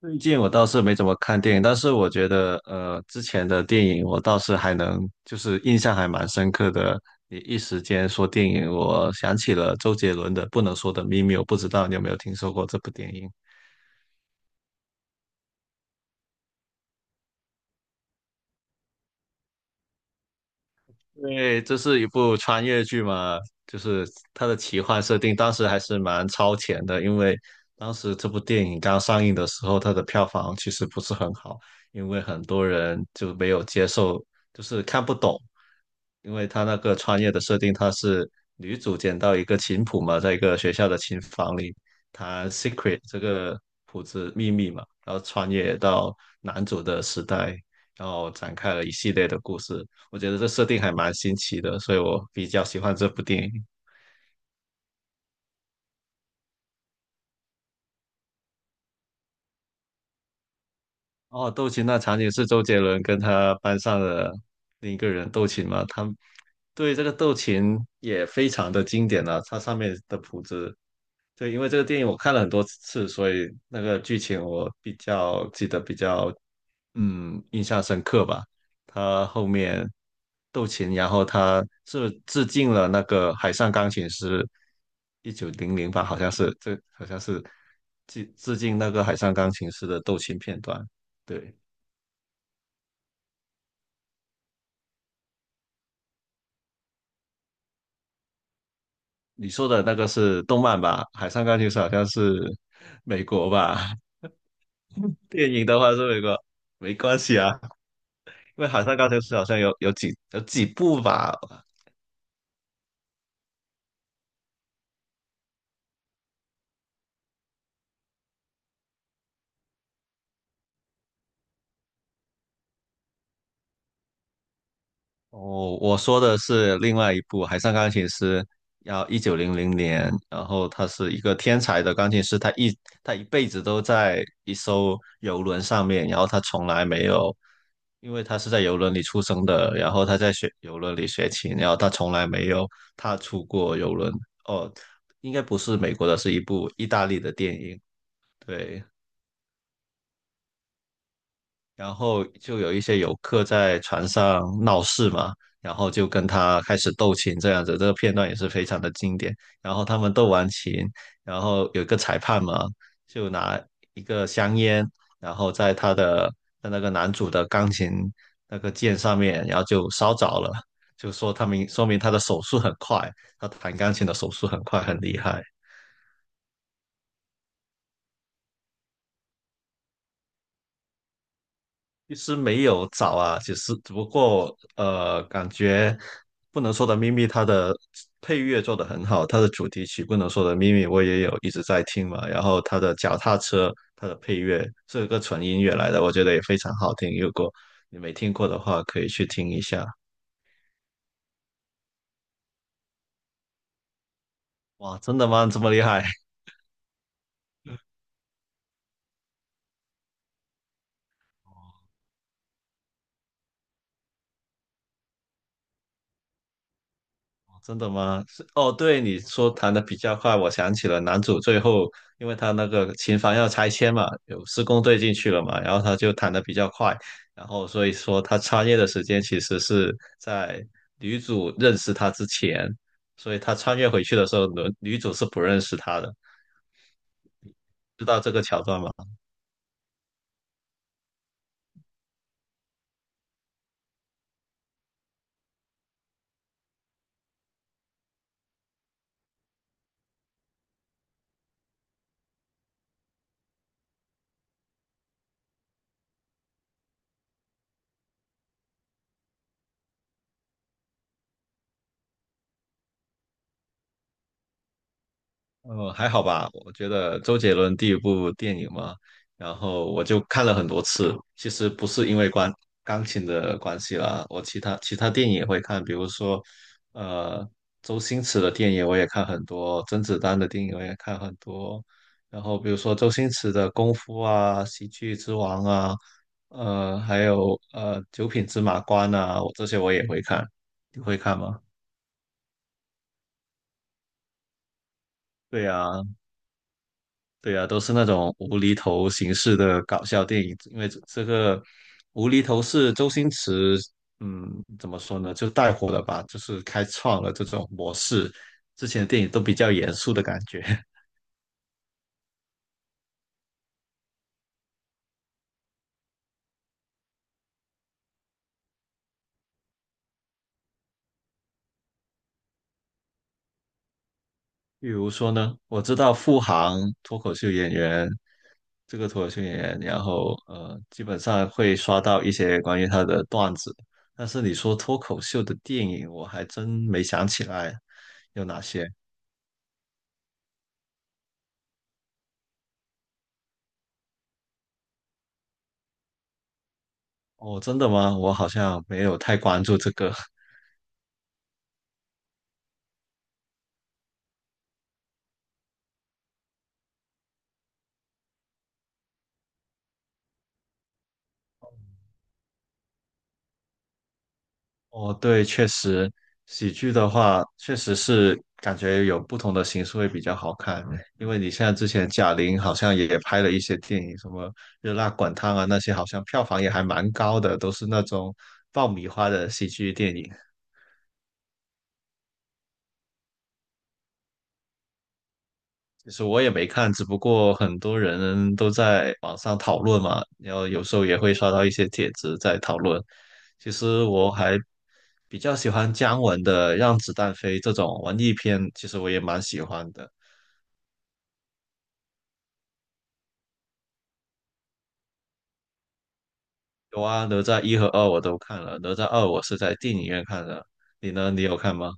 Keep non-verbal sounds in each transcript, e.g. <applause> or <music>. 最近我倒是没怎么看电影，但是我觉得，之前的电影我倒是还能，印象还蛮深刻的。你一时间说电影，我想起了周杰伦的《不能说的秘密》，我不知道你有没有听说过这部电影。因为这是一部穿越剧嘛，就是它的奇幻设定，当时还是蛮超前的，因为当时这部电影刚上映的时候，它的票房其实不是很好，因为很多人就没有接受，就是看不懂，因为它那个穿越的设定，它是女主捡到一个琴谱嘛，在一个学校的琴房里弹 secret 这个谱子秘密嘛，然后穿越到男主的时代，然后展开了一系列的故事。我觉得这设定还蛮新奇的，所以我比较喜欢这部电影。哦，斗琴那场景是周杰伦跟他班上的另一个人斗琴嘛？他对这个斗琴也非常的经典啊，它上面的谱子，对，因为这个电影我看了很多次，所以那个剧情我比较记得比较印象深刻吧。他后面斗琴，然后他是致敬了那个海上钢琴师，一九零零吧，好像是，这好像是致敬那个海上钢琴师的斗琴片段。对，你说的那个是动漫吧？海上钢琴师好像是美国吧？<laughs> 电影的话是美国，没关系啊，因为海上钢琴师好像有几部吧。哦，我说的是另外一部《海上钢琴师》，要1900年，然后他是一个天才的钢琴师，他一辈子都在一艘游轮上面，然后他从来没有，因为他是在游轮里出生的，然后他在学游轮里学琴，然后他从来没有踏出过游轮。哦，应该不是美国的，是一部意大利的电影，对。然后就有一些游客在船上闹事嘛，然后就跟他开始斗琴这样子，这个片段也是非常的经典。然后他们斗完琴，然后有一个裁判嘛，就拿一个香烟，然后在他的在那个男主的钢琴那个键上面，然后就烧着了，就说他明说明他的手速很快，他弹钢琴的手速很快，很厉害。其实没有找啊，其实只不过感觉不能说的秘密它的配乐做得很好，它的主题曲不能说的秘密我也有一直在听嘛，然后它的脚踏车它的配乐是个纯音乐来的，我觉得也非常好听，如果你没听过的话，可以去听一下。哇，真的吗？这么厉害？真的吗？是哦，对，你说弹的比较快，我想起了男主最后，因为他那个琴房要拆迁嘛，有施工队进去了嘛，然后他就弹的比较快，然后所以说他穿越的时间其实是在女主认识他之前，所以他穿越回去的时候，女主是不认识他的，知道这个桥段吗？还好吧，我觉得周杰伦第一部电影嘛，然后我就看了很多次。其实不是因为关钢琴的关系啦，我其他电影也会看，比如说，呃，周星驰的电影我也看很多，甄子丹的电影我也看很多。然后比如说周星驰的《功夫》啊，《喜剧之王》啊，还有《九品芝麻官》啊，我这些我也会看。你会看吗？对呀，对啊，都是那种无厘头形式的搞笑电影，因为这个无厘头是周星驰，嗯，怎么说呢，就带火了吧，就是开创了这种模式。之前的电影都比较严肃的感觉。<laughs> 比如说呢，我知道付航脱口秀演员，这个脱口秀演员，然后基本上会刷到一些关于他的段子，但是你说脱口秀的电影，我还真没想起来有哪些。哦，真的吗？我好像没有太关注这个。<laughs> 哦，对，确实，喜剧的话，确实是感觉有不同的形式会比较好看。因为你像之前贾玲好像也拍了一些电影，什么《热辣滚烫》啊那些，好像票房也还蛮高的，都是那种爆米花的喜剧电影。其实我也没看，只不过很多人都在网上讨论嘛，然后有时候也会刷到一些帖子在讨论。其实我还比较喜欢姜文的《让子弹飞》这种文艺片，其实我也蛮喜欢的。有啊，哪吒一和二我都看了，哪吒二我是在电影院看的，你呢？你有看吗？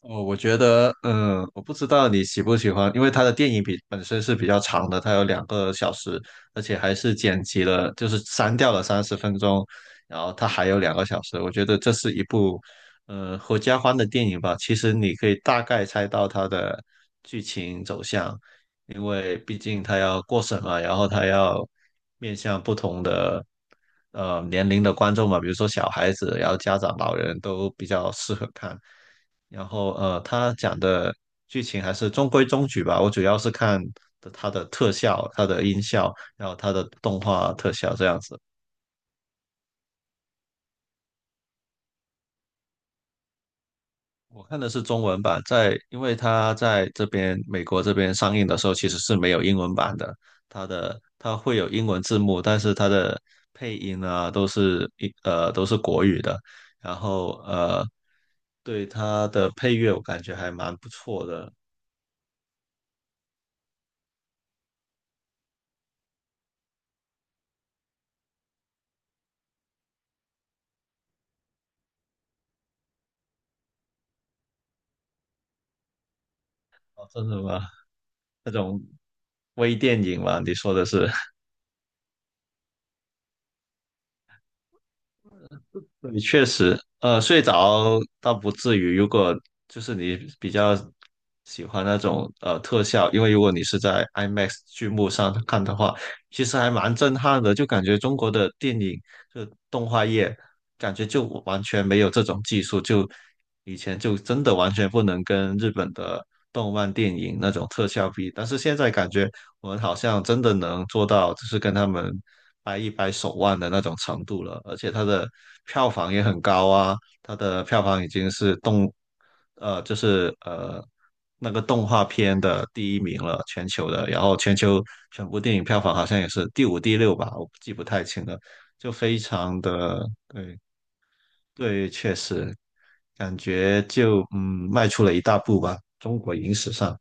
哦，我觉得，嗯，我不知道你喜不喜欢，因为他的电影比本身是比较长的，它有两个小时，而且还是剪辑了，就是删掉了30分钟，然后它还有两个小时。我觉得这是一部，合家欢的电影吧。其实你可以大概猜到它的剧情走向，因为毕竟它要过审嘛，然后它要面向不同的年龄的观众嘛，比如说小孩子，然后家长、老人都比较适合看。然后他讲的剧情还是中规中矩吧。我主要是看的它的特效、它的音效，然后它的动画特效这样子。我看的是中文版，因为它在这边美国这边上映的时候其实是没有英文版的，它会有英文字幕，但是它的配音啊都是都是国语的，然后对它的配乐我感觉还蛮不错的。哦，真的吗？那种微电影嘛，你说的是。<laughs> 你确实，睡着倒不至于。如果就是你比较喜欢那种特效，因为如果你是在 IMAX 剧目上看的话，其实还蛮震撼的，就感觉中国的电影就动画业，感觉就完全没有这种技术，就以前就真的完全不能跟日本的动漫电影那种特效比，但是现在感觉我们好像真的能做到，就是跟他们掰一掰手腕的那种程度了，而且它的票房也很高啊，它的票房已经是动呃，就是呃那个动画片的第一名了，全球的。然后全球全部电影票房好像也是第五、第六吧，我记不太清了。就非常的对对，确实感觉就迈出了一大步吧，中国影史上。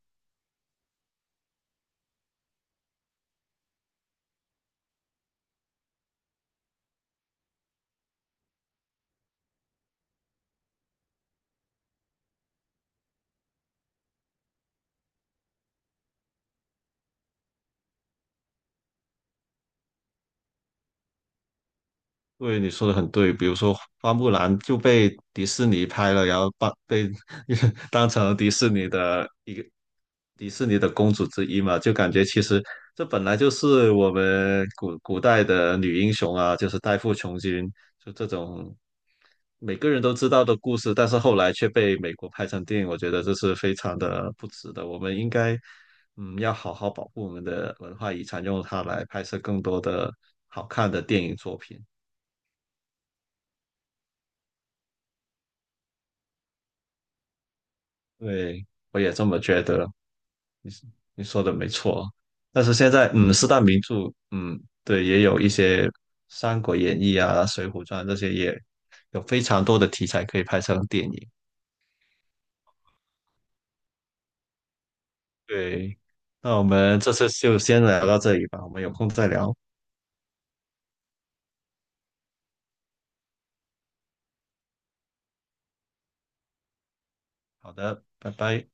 对，你说的很对。比如说，花木兰就被迪士尼拍了，然后把被 <laughs> 当成迪士尼的公主之一嘛，就感觉其实这本来就是我们古代的女英雄啊，就是代父从军，就这种每个人都知道的故事，但是后来却被美国拍成电影，我觉得这是非常的不值得。我们应该，要好好保护我们的文化遗产，用它来拍摄更多的好看的电影作品。对，我也这么觉得，你说的没错。但是现在，嗯，四大名著，嗯，对，也有一些《三国演义》啊，《水浒传》这些，也有非常多的题材可以拍成电影。对，那我们这次就先聊到这里吧，我们有空再聊。好的，拜拜。